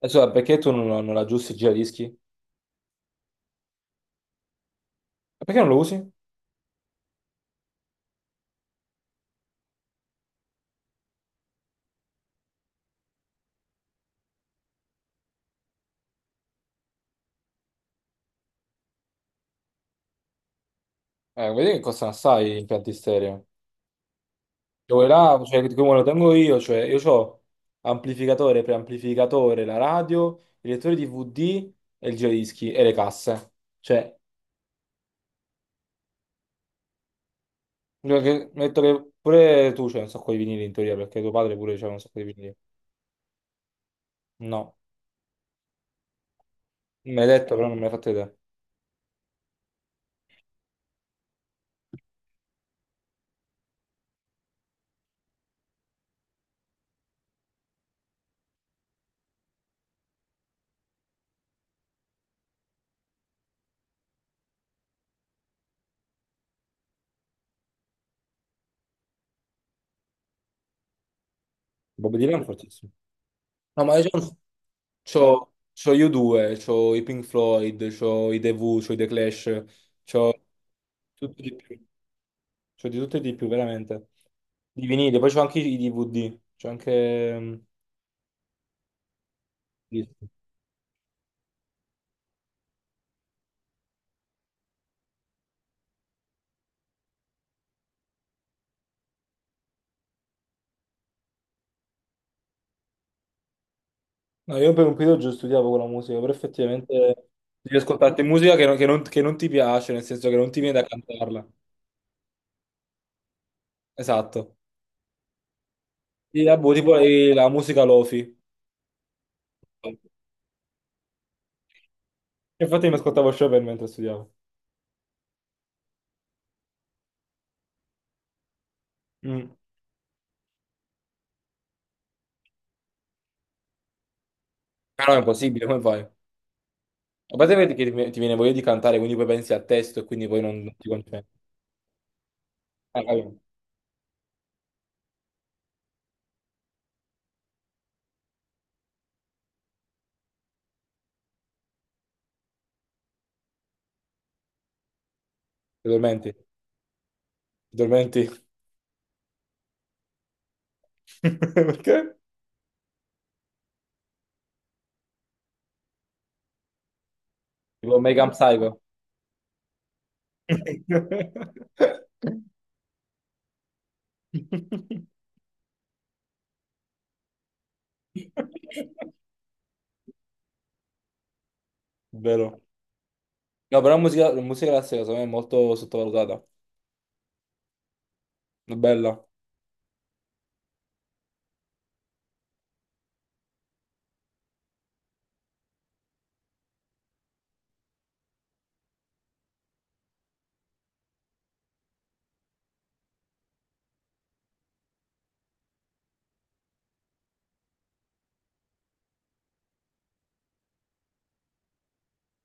Insomma, perché tu non aggiusti il giradischi? E perché non lo usi? Vedi che costano assai gli impianti stereo. Cioè, quelli là, cioè, come lo tengo io, cioè, io ho amplificatore, preamplificatore, la radio, il lettore DVD e il giradischi e le casse. Cioè, io metto che pure tu c'hai un sacco di vinili in teoria, perché tuo padre pure c'aveva un sacco di vinili. No, mi hai detto, però non me l'hai fatto vedere. Bob Dylan è fortissimo. No, ma io c'ho gli U2, c'ho i Pink Floyd, c'ho i The Who, c'ho i The Clash. C'ho Tutto di più. Cioè di tutto e di più, veramente. Di vinile, poi c'ho anche i DVD. C'ho anche dischi. No, io per un periodo già studiavo con la musica, però effettivamente devi ascoltarti musica che non ti piace, nel senso che non ti viene da cantarla. Esatto. E, boh, tipo la musica lofi. Infatti mi ascoltavo Chopin mentre studiavo. Mm. Però è impossibile, come fai? A parte che ti viene voglia di cantare, quindi poi pensi al testo e quindi poi non ti concentri. Ah, capito? Ti dormenti. Ti dormenti. Perché? Tipo American Psycho. Vero. No, però la musica classica secondo me è molto sottovalutata. È bella,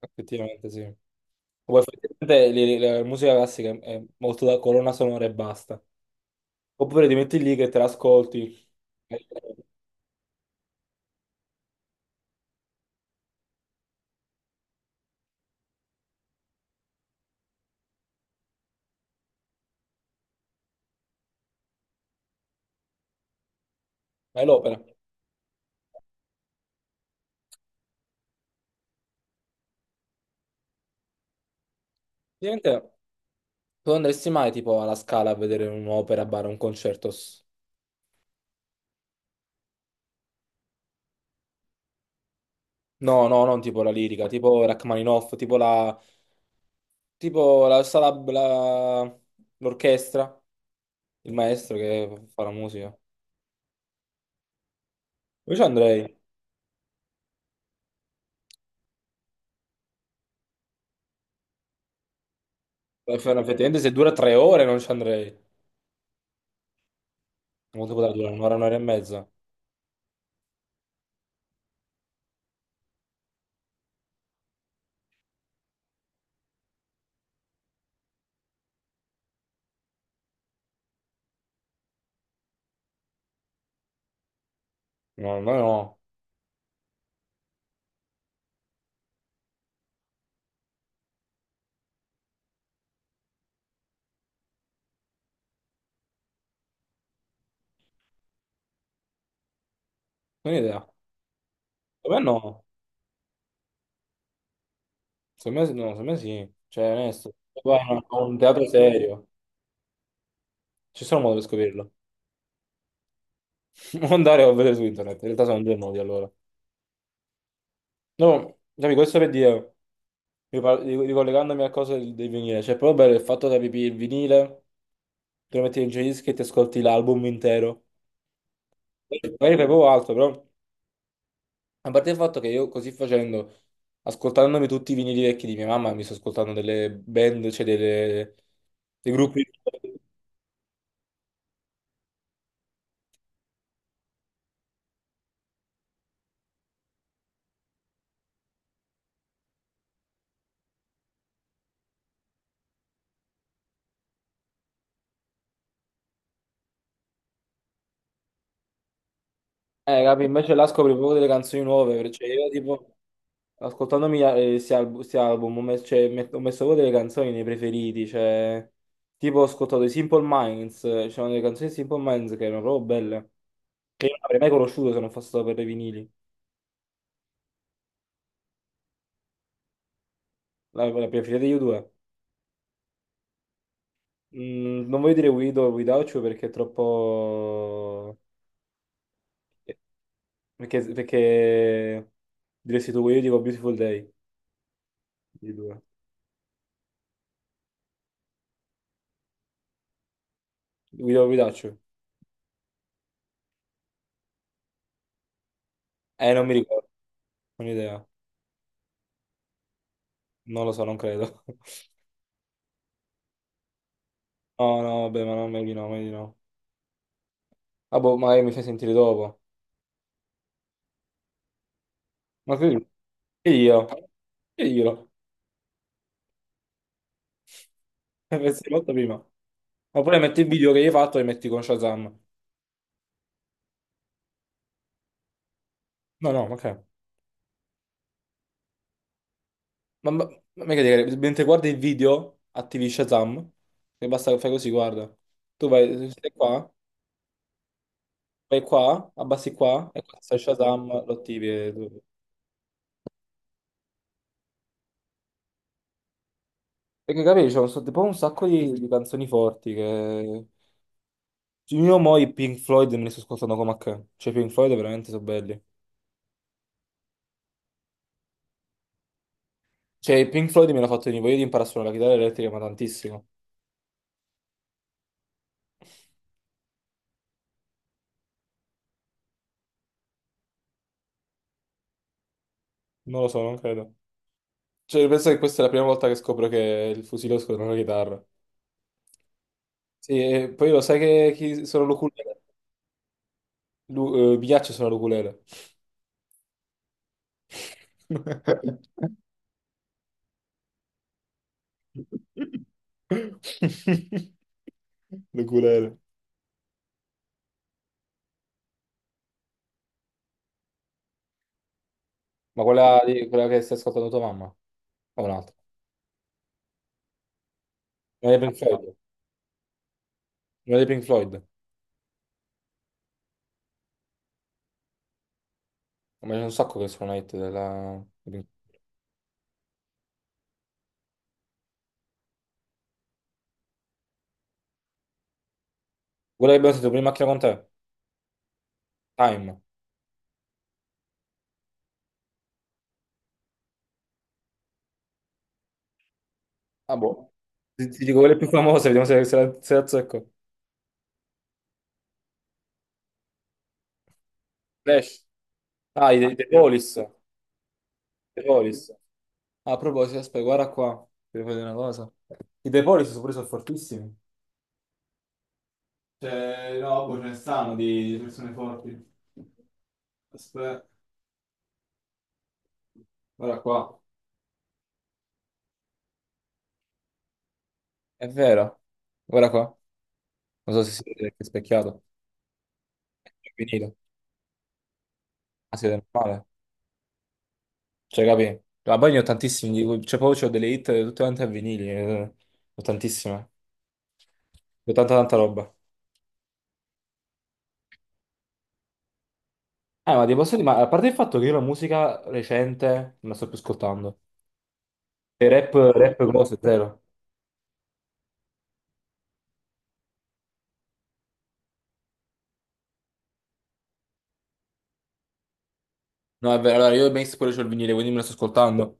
effettivamente sì. Poi effettivamente la musica classica è molto da colonna sonora e basta. Oppure ti metti lì che te l'ascolti. e- È l'opera. Ovviamente tu andresti mai tipo alla Scala a vedere un'opera, bar, un concerto? No, no, non tipo la lirica, tipo Rachmaninoff, tipo la. Tipo la sala, l'orchestra, il maestro che fa la musica. Io ci andrei. Effettivamente se dura 3 ore non ci andrei. Quanto potrà durare? Un'ora, un'ora e mezza? No, no, no. Non ho idea. Secondo me no. Secondo me, no, secondo me sì. Cioè, onesto. Se vai a un teatro serio. Ci sono modi per scoprirlo. Non andare a vedere su internet. In realtà sono due modi allora. No, capi, questo per dire, ricollegandomi a cose del vinile. Cioè, proprio per il fatto che capì, il vinile, te lo metti in giradischi e ti ascolti l'album intero. Magari fai proprio altro, però a parte il fatto che io così facendo, ascoltandomi tutti i vinili vecchi di mia mamma, mi sto ascoltando delle band, cioè dei gruppi. Capi? Invece là scopri proprio delle canzoni nuove, cioè io tipo, ascoltandomi sti album, ho messo, cioè, ho messo proprio delle canzoni nei preferiti, cioè, tipo ho ascoltato i Simple Minds, c'erano delle canzoni di Simple Minds che erano proprio belle, che io non avrei mai conosciuto se non fosse stato per i vinili, la preferita di U2. Non voglio dire Guido o Guidaucio perché è troppo. eh, Perché, perché... Diresti tu Guido, io dico Beautiful Day, di due. Guido o Guidaucio? Non mi ricordo, non ho idea. Non lo so, non credo. No, no, vabbè, ma non meglio di no, meglio di no. Ah, boh, magari mi fai sentire dopo. Ma che io? Che io? Pensavo molto prima. Oppure metti il video che hai fatto e metti con Shazam. No, no, ma che? Ma, ma, ma mica dire, mentre guardi il video, attivi Shazam, e basta che fai così, guarda. Tu vai, stai qua, vai qua, abbassi qua, e qua sta Shazam, lo attivi. Perché capisci, c'è tipo un sacco di canzoni forti che. Cioè, io mo i Pink Floyd me li sto ascoltando come a che. Cioè, i Pink Floyd veramente sono belli. Cioè, i Pink Floyd mi hanno fatto venire voglia di imparare a suonare la chitarra elettrica, ma tantissimo. Non lo so, non credo. Cioè, penso che questa è la prima volta che scopro che il fusilosco non è una chitarra. Sì, e poi lo sai che chi sono l'oculista? Mi piace suonare l'ukulele. L'ukulele. Ma quella che stai ascoltando tua mamma? O un'altra? Una dei Pink Floyd. Una dei Pink Floyd. Ma c'è un sacco che sono hit dei Pink-. Quella che abbiamo sentito prima in macchina con te. Time. Ah, boh. Ti dico quelle più famose, vediamo se la azzecco. Flash. Ah, i The Police. The Police. Ah, a proposito, aspetta, guarda qua. Ti devo dire una cosa. I The Police sono pure sono fortissimi. Cioè, no, poi ce ne stanno di persone forti. Aspetta, guarda qua. È vero. Guarda qua. Non so se si vede perché è specchiato. È vinile. Ah, si vede male. Cioè, capi? Ma poi ne ho tantissimi. Cioè, poi c'ho delle hit tutte quante a vinili. Ho tantissime. Ho tanta tanta roba. Ma ti posso dire, ma a parte il fatto che io la musica recente non la sto più ascoltando. E rap, rap cose, zero. No, è vero, allora io Mace pure c'ho il vinile, quindi me la sto ascoltando.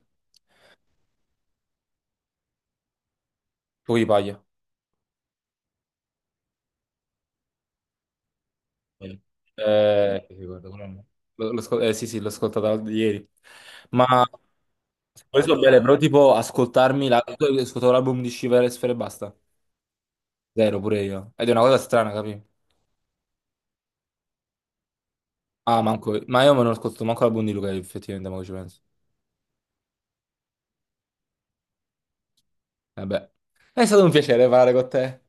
Poi di paglia. Sì, sì, guarda, quello no. Sì, sì, l'ho ascoltata ieri. Ma poi sono belle, però tipo ascoltarmi ascoltavo l'album di Shiver e Sfera e basta. Zero pure io. Ed è una cosa strana, capi? Ah, manco, ma io me non ascolto manco l'album di Luca, effettivamente, ma ci penso. Vabbè. È stato un piacere parlare con te.